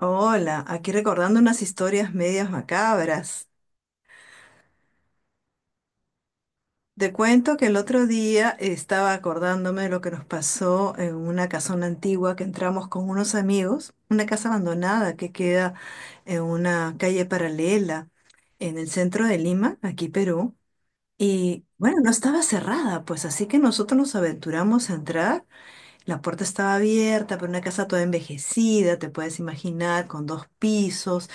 Hola, aquí recordando unas historias medias macabras. Te cuento que el otro día estaba acordándome de lo que nos pasó en una casona antigua que entramos con unos amigos, una casa abandonada que queda en una calle paralela en el centro de Lima, aquí Perú. Y bueno, no estaba cerrada, pues así que nosotros nos aventuramos a entrar. La puerta estaba abierta, pero una casa toda envejecida, te puedes imaginar, con dos pisos.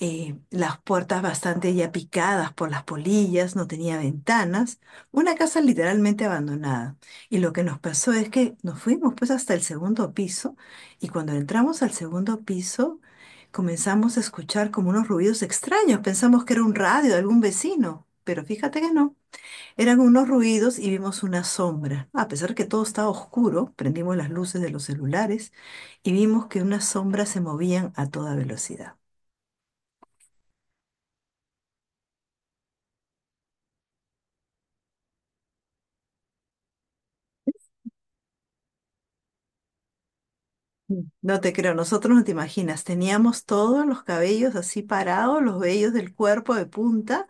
Las puertas bastante ya picadas por las polillas, no tenía ventanas, una casa literalmente abandonada. Y lo que nos pasó es que nos fuimos pues hasta el segundo piso y cuando entramos al segundo piso comenzamos a escuchar como unos ruidos extraños, pensamos que era un radio de algún vecino. Pero fíjate que no. Eran unos ruidos y vimos una sombra. A pesar que todo estaba oscuro, prendimos las luces de los celulares y vimos que unas sombras se movían a toda velocidad. No te creo, nosotros no te imaginas, teníamos todos los cabellos así parados, los vellos del cuerpo de punta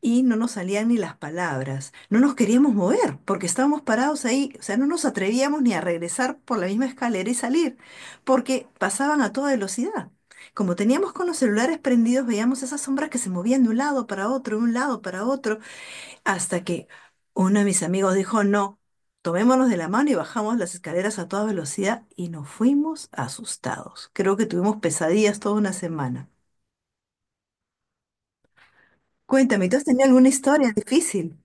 y no nos salían ni las palabras. No nos queríamos mover porque estábamos parados ahí, o sea, no nos atrevíamos ni a regresar por la misma escalera y salir porque pasaban a toda velocidad. Como teníamos con los celulares prendidos, veíamos esas sombras que se movían de un lado para otro, de un lado para otro. Hasta que uno de mis amigos dijo, no, tomémonos de la mano y bajamos las escaleras a toda velocidad y nos fuimos asustados. Creo que tuvimos pesadillas toda una semana. Cuéntame, ¿tú has tenido alguna historia difícil?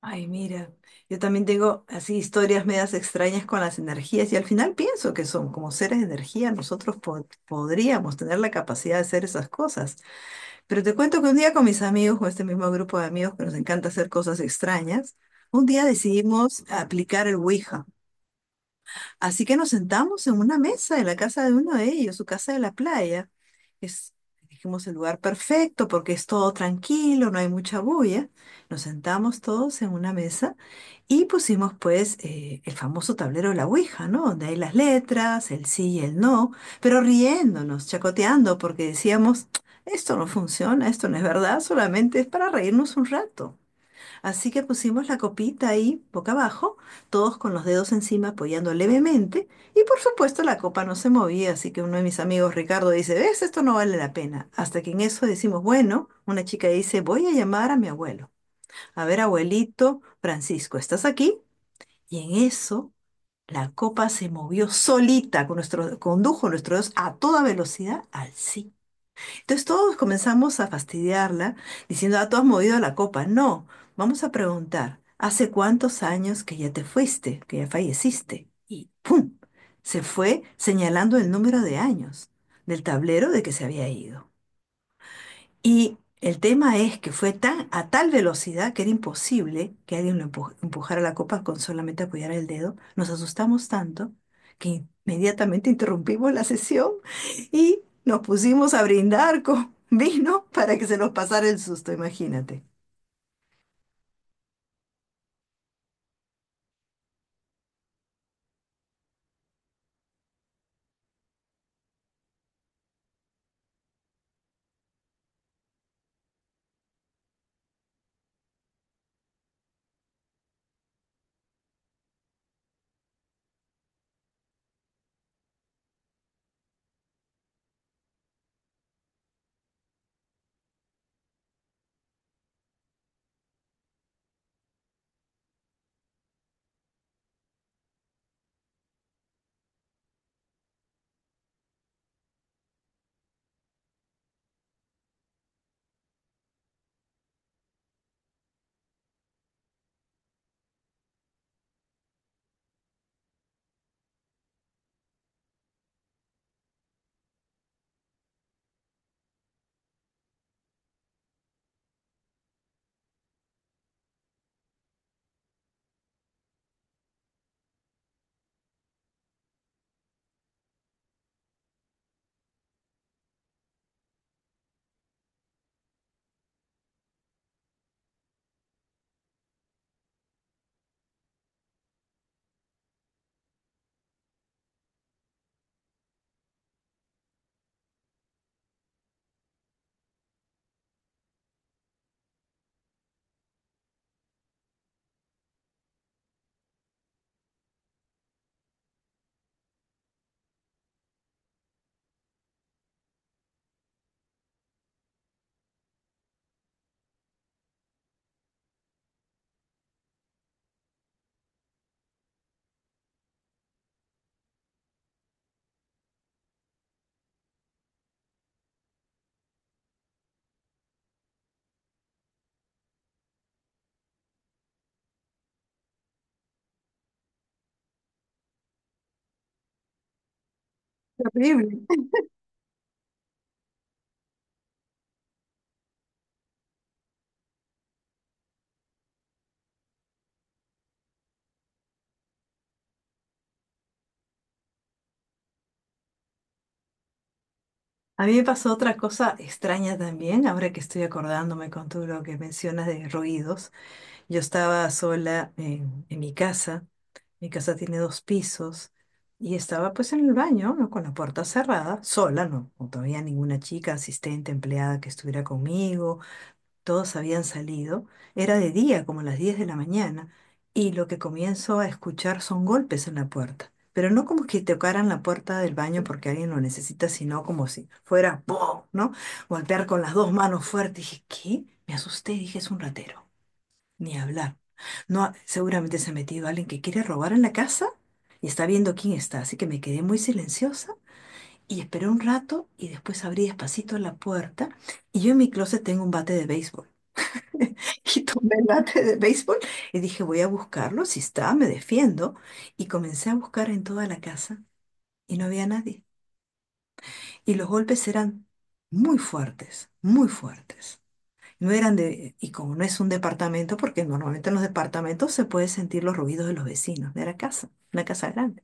Ay, mira, yo también tengo así historias medias extrañas con las energías y al final pienso que son como seres de energía, nosotros podríamos tener la capacidad de hacer esas cosas. Pero te cuento que un día con mis amigos, con este mismo grupo de amigos que nos encanta hacer cosas extrañas, un día decidimos aplicar el Ouija. Así que nos sentamos en una mesa en la casa de uno de ellos, su casa de la playa. Es, dijimos, el lugar perfecto porque es todo tranquilo, no hay mucha bulla. Nos sentamos todos en una mesa y pusimos pues el famoso tablero de la Ouija, ¿no? Donde hay las letras, el sí y el no, pero riéndonos, chacoteando porque decíamos, esto no funciona, esto no es verdad, solamente es para reírnos un rato. Así que pusimos la copita ahí, boca abajo, todos con los dedos encima apoyando levemente, y por supuesto la copa no se movía, así que uno de mis amigos, Ricardo, dice, ¿ves? Esto no vale la pena. Hasta que en eso decimos, bueno, una chica dice, voy a llamar a mi abuelo. A ver, abuelito, Francisco, ¿estás aquí? Y en eso la copa se movió solita, con nuestro, condujo nuestros dedos a toda velocidad al sí. Entonces todos comenzamos a fastidiarla diciendo, ah, tú has movido la copa. No, vamos a preguntar, ¿hace cuántos años que ya te fuiste, que ya falleciste? Y ¡pum! Se fue señalando el número de años del tablero de que se había ido. Y el tema es que fue tan, a tal velocidad que era imposible que alguien lo empujara la copa con solamente apoyar el dedo. Nos asustamos tanto que inmediatamente interrumpimos la sesión y nos pusimos a brindar con vino para que se nos pasara el susto, imagínate. Terrible. A mí me pasó otra cosa extraña también, ahora que estoy acordándome con todo lo que mencionas de ruidos. Yo estaba sola en mi casa. Mi casa tiene dos pisos y estaba pues en el baño, ¿no? Con la puerta cerrada, sola, no, no todavía ninguna chica, asistente, empleada que estuviera conmigo. Todos habían salido. Era de día, como las 10 de la mañana, y lo que comienzo a escuchar son golpes en la puerta. Pero no como que tocaran la puerta del baño porque alguien lo necesita, sino como si fuera ¡pum!, ¿no? Golpear con las dos manos fuerte. Dije, ¿qué? Me asusté, dije, es un ratero. Ni hablar. No, seguramente se ha metido alguien que quiere robar en la casa y está viendo quién está. Así que me quedé muy silenciosa y esperé un rato y después abrí despacito la puerta. Y yo en mi closet tengo un bate de béisbol. Y tomé el bate de béisbol y dije, voy a buscarlo. Si está, me defiendo. Y comencé a buscar en toda la casa y no había nadie. Y los golpes eran muy fuertes, muy fuertes. No eran de, y como no es un departamento, porque normalmente en los departamentos se puede sentir los ruidos de los vecinos, era casa, una casa grande.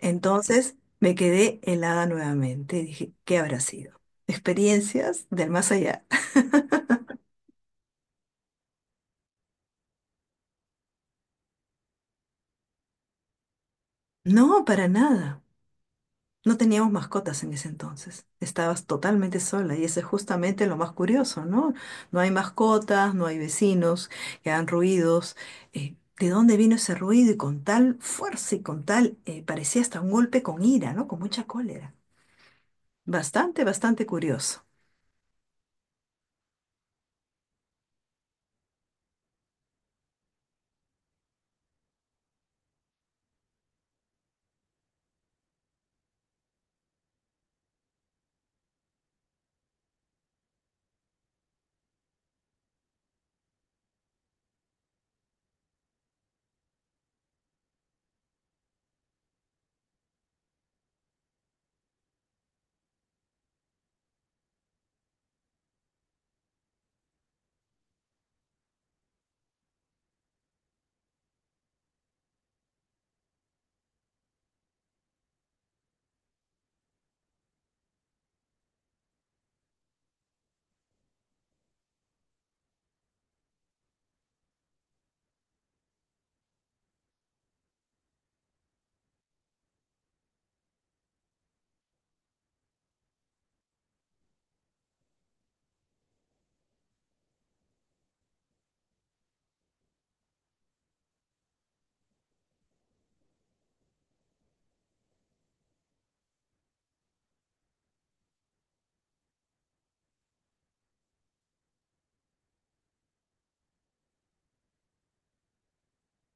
Entonces me quedé helada nuevamente y dije, ¿qué habrá sido? ¿Experiencias del más allá? No, para nada. No teníamos mascotas en ese entonces. Estabas totalmente sola y eso es justamente lo más curioso, ¿no? No hay mascotas, no hay vecinos que hagan ruidos. ¿De dónde vino ese ruido? Y con tal fuerza y con tal, parecía hasta un golpe con ira, ¿no? Con mucha cólera. Bastante, bastante curioso.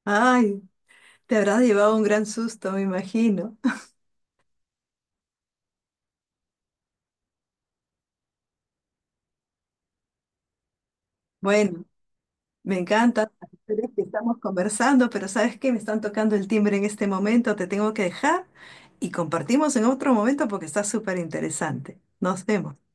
Ay, te habrás llevado un gran susto, me imagino. Bueno. Me encanta las historias que estamos conversando, pero ¿sabes qué? Me están tocando el timbre en este momento, te tengo que dejar y compartimos en otro momento porque está súper interesante. Nos vemos.